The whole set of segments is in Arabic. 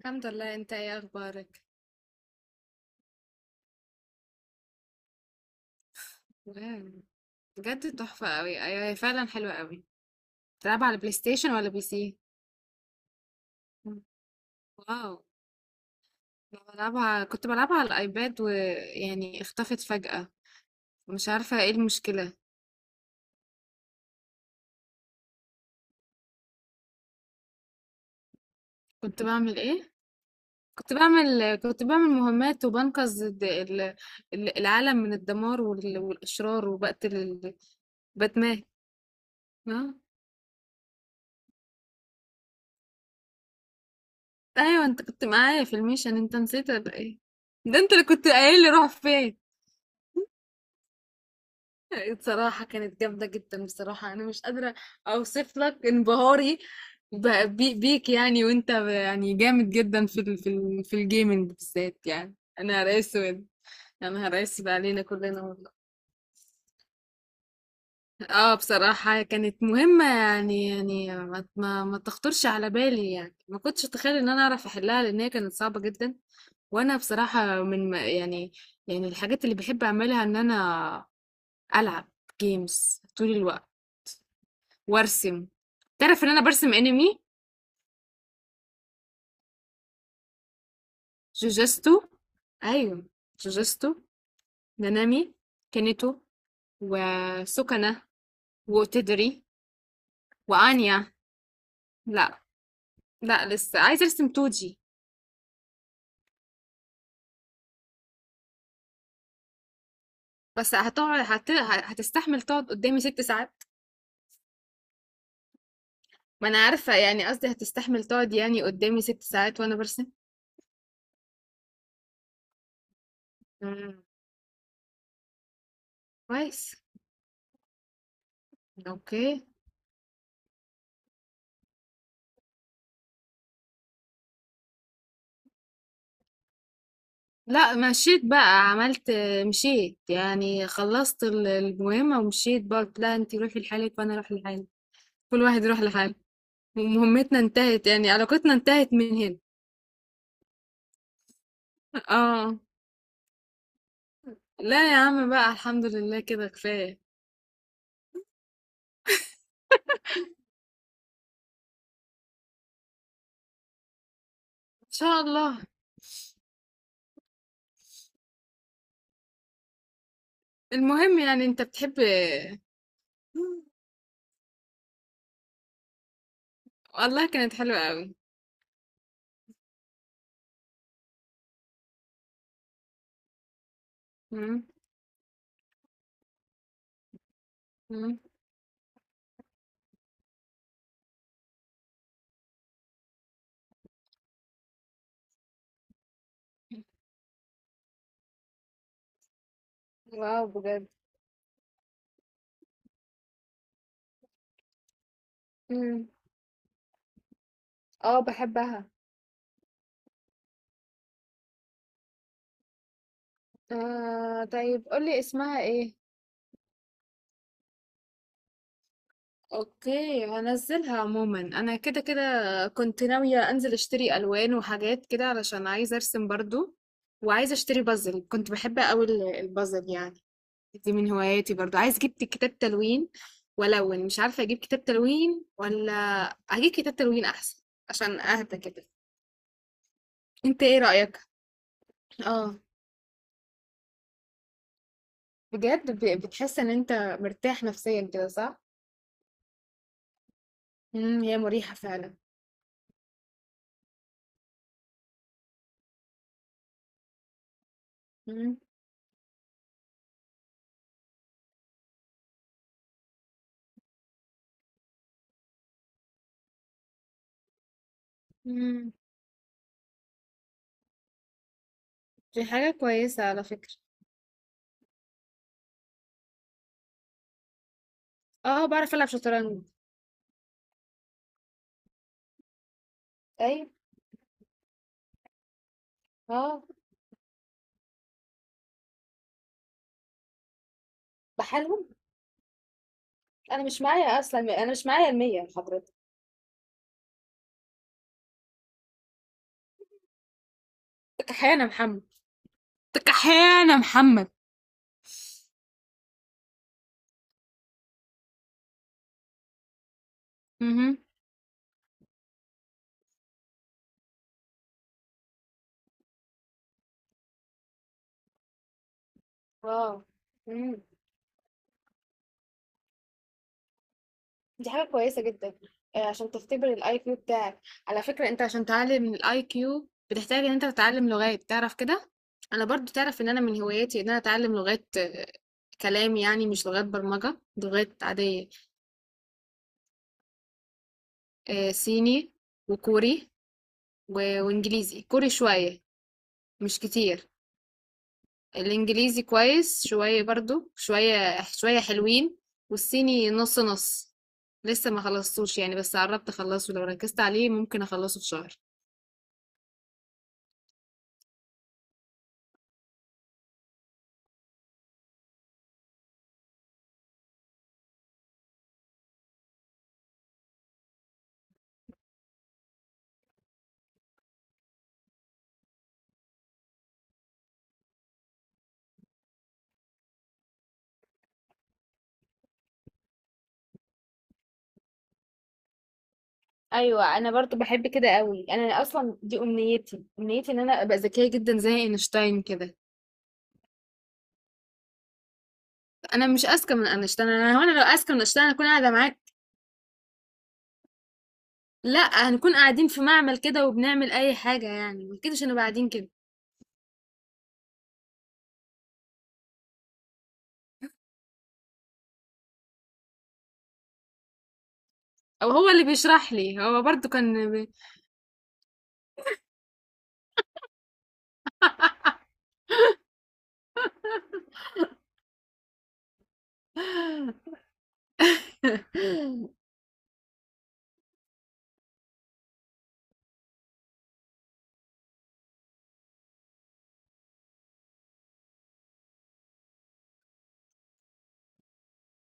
الحمد لله، انت ايه اخبارك؟ واو، بجد تحفة قوي. ايوه هي فعلا حلوة قوي. بتلعبها على بلاي ستيشن ولا بي سي؟ واو. أنا بلعبها كنت بلعبها على الايباد، ويعني اختفت فجأة. مش عارفة ايه المشكلة. كنت بعمل ايه؟ كنت بعمل مهمات وبنقذ العالم من الدمار والاشرار وبقتل باتمان. اه، ايوه، انت كنت معايا في الميشن، انت نسيت ولا ايه؟ ده انت اللي كنت قايل لي روح فين. بصراحة كانت جامدة جدا، بصراحة أنا مش قادرة أوصف لك انبهاري بيك، يعني، وأنت يعني جامد جدا في الجيمنج بالذات، يعني أنا نهار أسود. يا نهار أسود علينا كلنا والله. اه، بصراحة كانت مهمة يعني ما تخطرش على بالي، يعني ما كنتش أتخيل إن أنا أعرف أحلها، لأن هي كانت صعبة جدا. وأنا بصراحة من ما- يعني، يعني الحاجات اللي بحب أعملها إن أنا ألعب جيمز طول الوقت وارسم. تعرف ان انا برسم انمي، جوجستو. ايوه، جوجستو، نانامي، كينيتو، وسوكانا، وتدري، وانيا. لا، لا لسه عايزه ارسم توجي. بس هتستحمل تقعد قدامي 6 ساعات؟ ما انا عارفه، يعني قصدي هتستحمل تقعد يعني قدامي 6 ساعات وانا برسم. مم. كويس. اوكي. لا، مشيت بقى، مشيت يعني خلصت المهمة ومشيت بقى، قلت لها انتي روحي لحالك وانا اروح لحالي. كل واحد يروح لحاله. ومهمتنا انتهت، يعني علاقتنا انتهت من هنا. اه. لا يا عم بقى، الحمد لله كده كفاية. ان شاء الله. المهم، يعني انت بتحب. والله كانت حلوة قوي. مم. مم. واو، بجد. مم. اه، بحبها. آه، طيب قولي اسمها ايه؟ اوكي، هنزلها عموما. انا كده كده كنت ناوية انزل اشتري الوان وحاجات كده علشان عايزة ارسم برضو. وعايزة اشتري بازل، كنت بحب قوي البازل، يعني. دي من هواياتي، برضو عايز اجيب كتاب تلوين. والون مش عارفه اجيب كتاب تلوين ولا اجيب كتاب تلوين احسن، عشان اهدى كده. انت ايه رايك؟ اه، بجد بتحس ان انت مرتاح نفسيا كده، صح؟ هي مريحه فعلا. امم. امم. دي حاجه كويسه على فكره. اه، بعرف العب شطرنج. ايوه. اه. بحالهم. انا مش معايا، اصلا انا مش معايا المية يا حضرتك. تكحيانة يا محمد، تكحيانة يا محمد. امم. اه. مم. دي حاجة كويسة جدًا، عشان تختبر الIQ بتاعك، على فكرة أنت عشان تعلّي من الIQ بتحتاج إن أنت تتعلّم لغات، تعرف كده؟ أنا برضه تعرف إن أنا من هواياتي إن أنا أتعلّم لغات، آه، كلام يعني، مش لغات برمجة، لغات عادية، صيني، وكوري، و وإنجليزي، كوري شوية، مش كتير. الإنجليزي كويس شوية برضه، شوية شوية حلوين. والصيني نُص، نُص، لسه ما خلصتوش يعني، بس قرّبت أخلّصه، لو ركّزت عليه ممكن أخلّصه في شهر. ايوه، انا برضو بحب كده قوي. انا اصلا دي امنيتي، امنيتي ان انا ابقى ذكيه جدا زي اينشتاين كده. انا مش اذكى من اينشتاين. انا لو اذكى من اينشتاين هكون قاعده معاك. لا، هنكون قاعدين في معمل كده وبنعمل اي حاجه، يعني ما كدهش هنبقى قاعدين كده. او هو اللي بيشرح لي، هو برضو كان.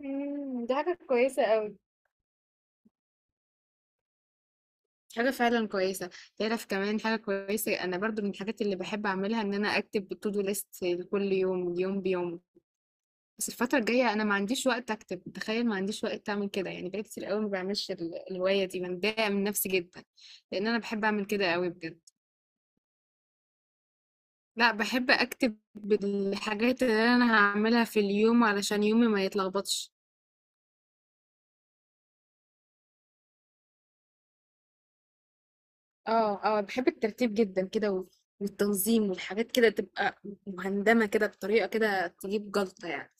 مم، دي حاجه كويسه قوي. حاجه فعلا كويسه. تعرف كمان حاجه كويسه، انا برضو من الحاجات اللي بحب اعملها ان انا اكتب تو دو ليست لكل يوم، يوم بيوم. بس الفترة الجاية أنا ما عنديش وقت أكتب. تخيل ما عنديش وقت أعمل كده، يعني بقالي كتير قوي ما بعملش الهواية دي، بتضايق من نفسي جدا لأن أنا بحب أعمل كده قوي بجد. لا، بحب أكتب بالحاجات اللي أنا هعملها في اليوم علشان يومي ما يتلخبطش. اه، اه، بحب الترتيب جدا كده، والتنظيم والحاجات كده، تبقى مهندمة كده بطريقة كده تجيب جلطة، يعني.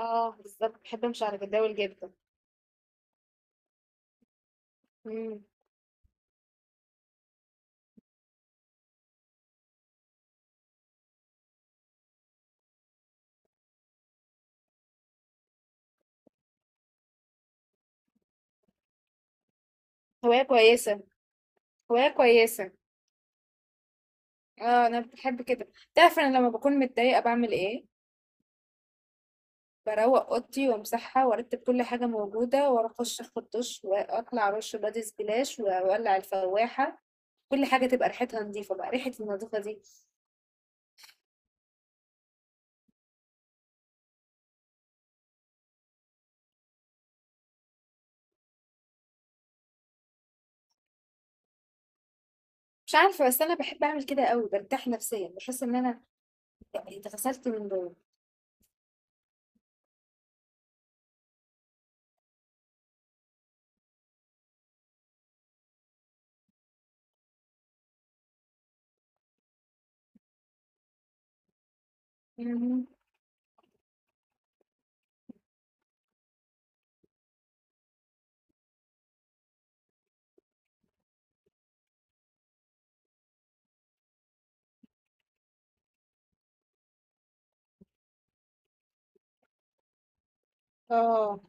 اه، بالظبط بحب امشي على جداول جدا. مم. هواية كويسة. هواية كويسة. اه، انا بحب كده. تعرف انا لما بكون متضايقه بعمل ايه؟ بروق اوضتي وامسحها وارتب كل حاجه موجوده، واروح اخش اخد دش، واطلع ارش بادي سبلاش واولع الفواحه. كل حاجه تبقى ريحتها نظيفه، بقى ريحه النظافه دي. مش عارفه، بس انا بحب اعمل كده قوي، برتاح نفسيا، بحس ان انا يعني اتغسلت من جوه. مهم. اه.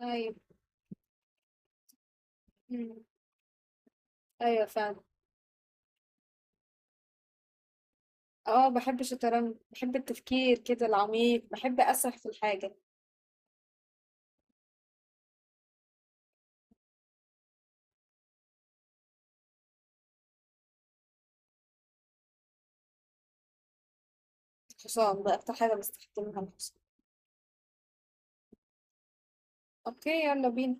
ايوه. مم. ايوه فعلا. اه، بحب الشطرنج، بحب التفكير كده العميق، بحب اسرح في الحاجه. الحصان، ده اكتر حاجه بستخدمها، الحصان. اوكي، يلا بينا.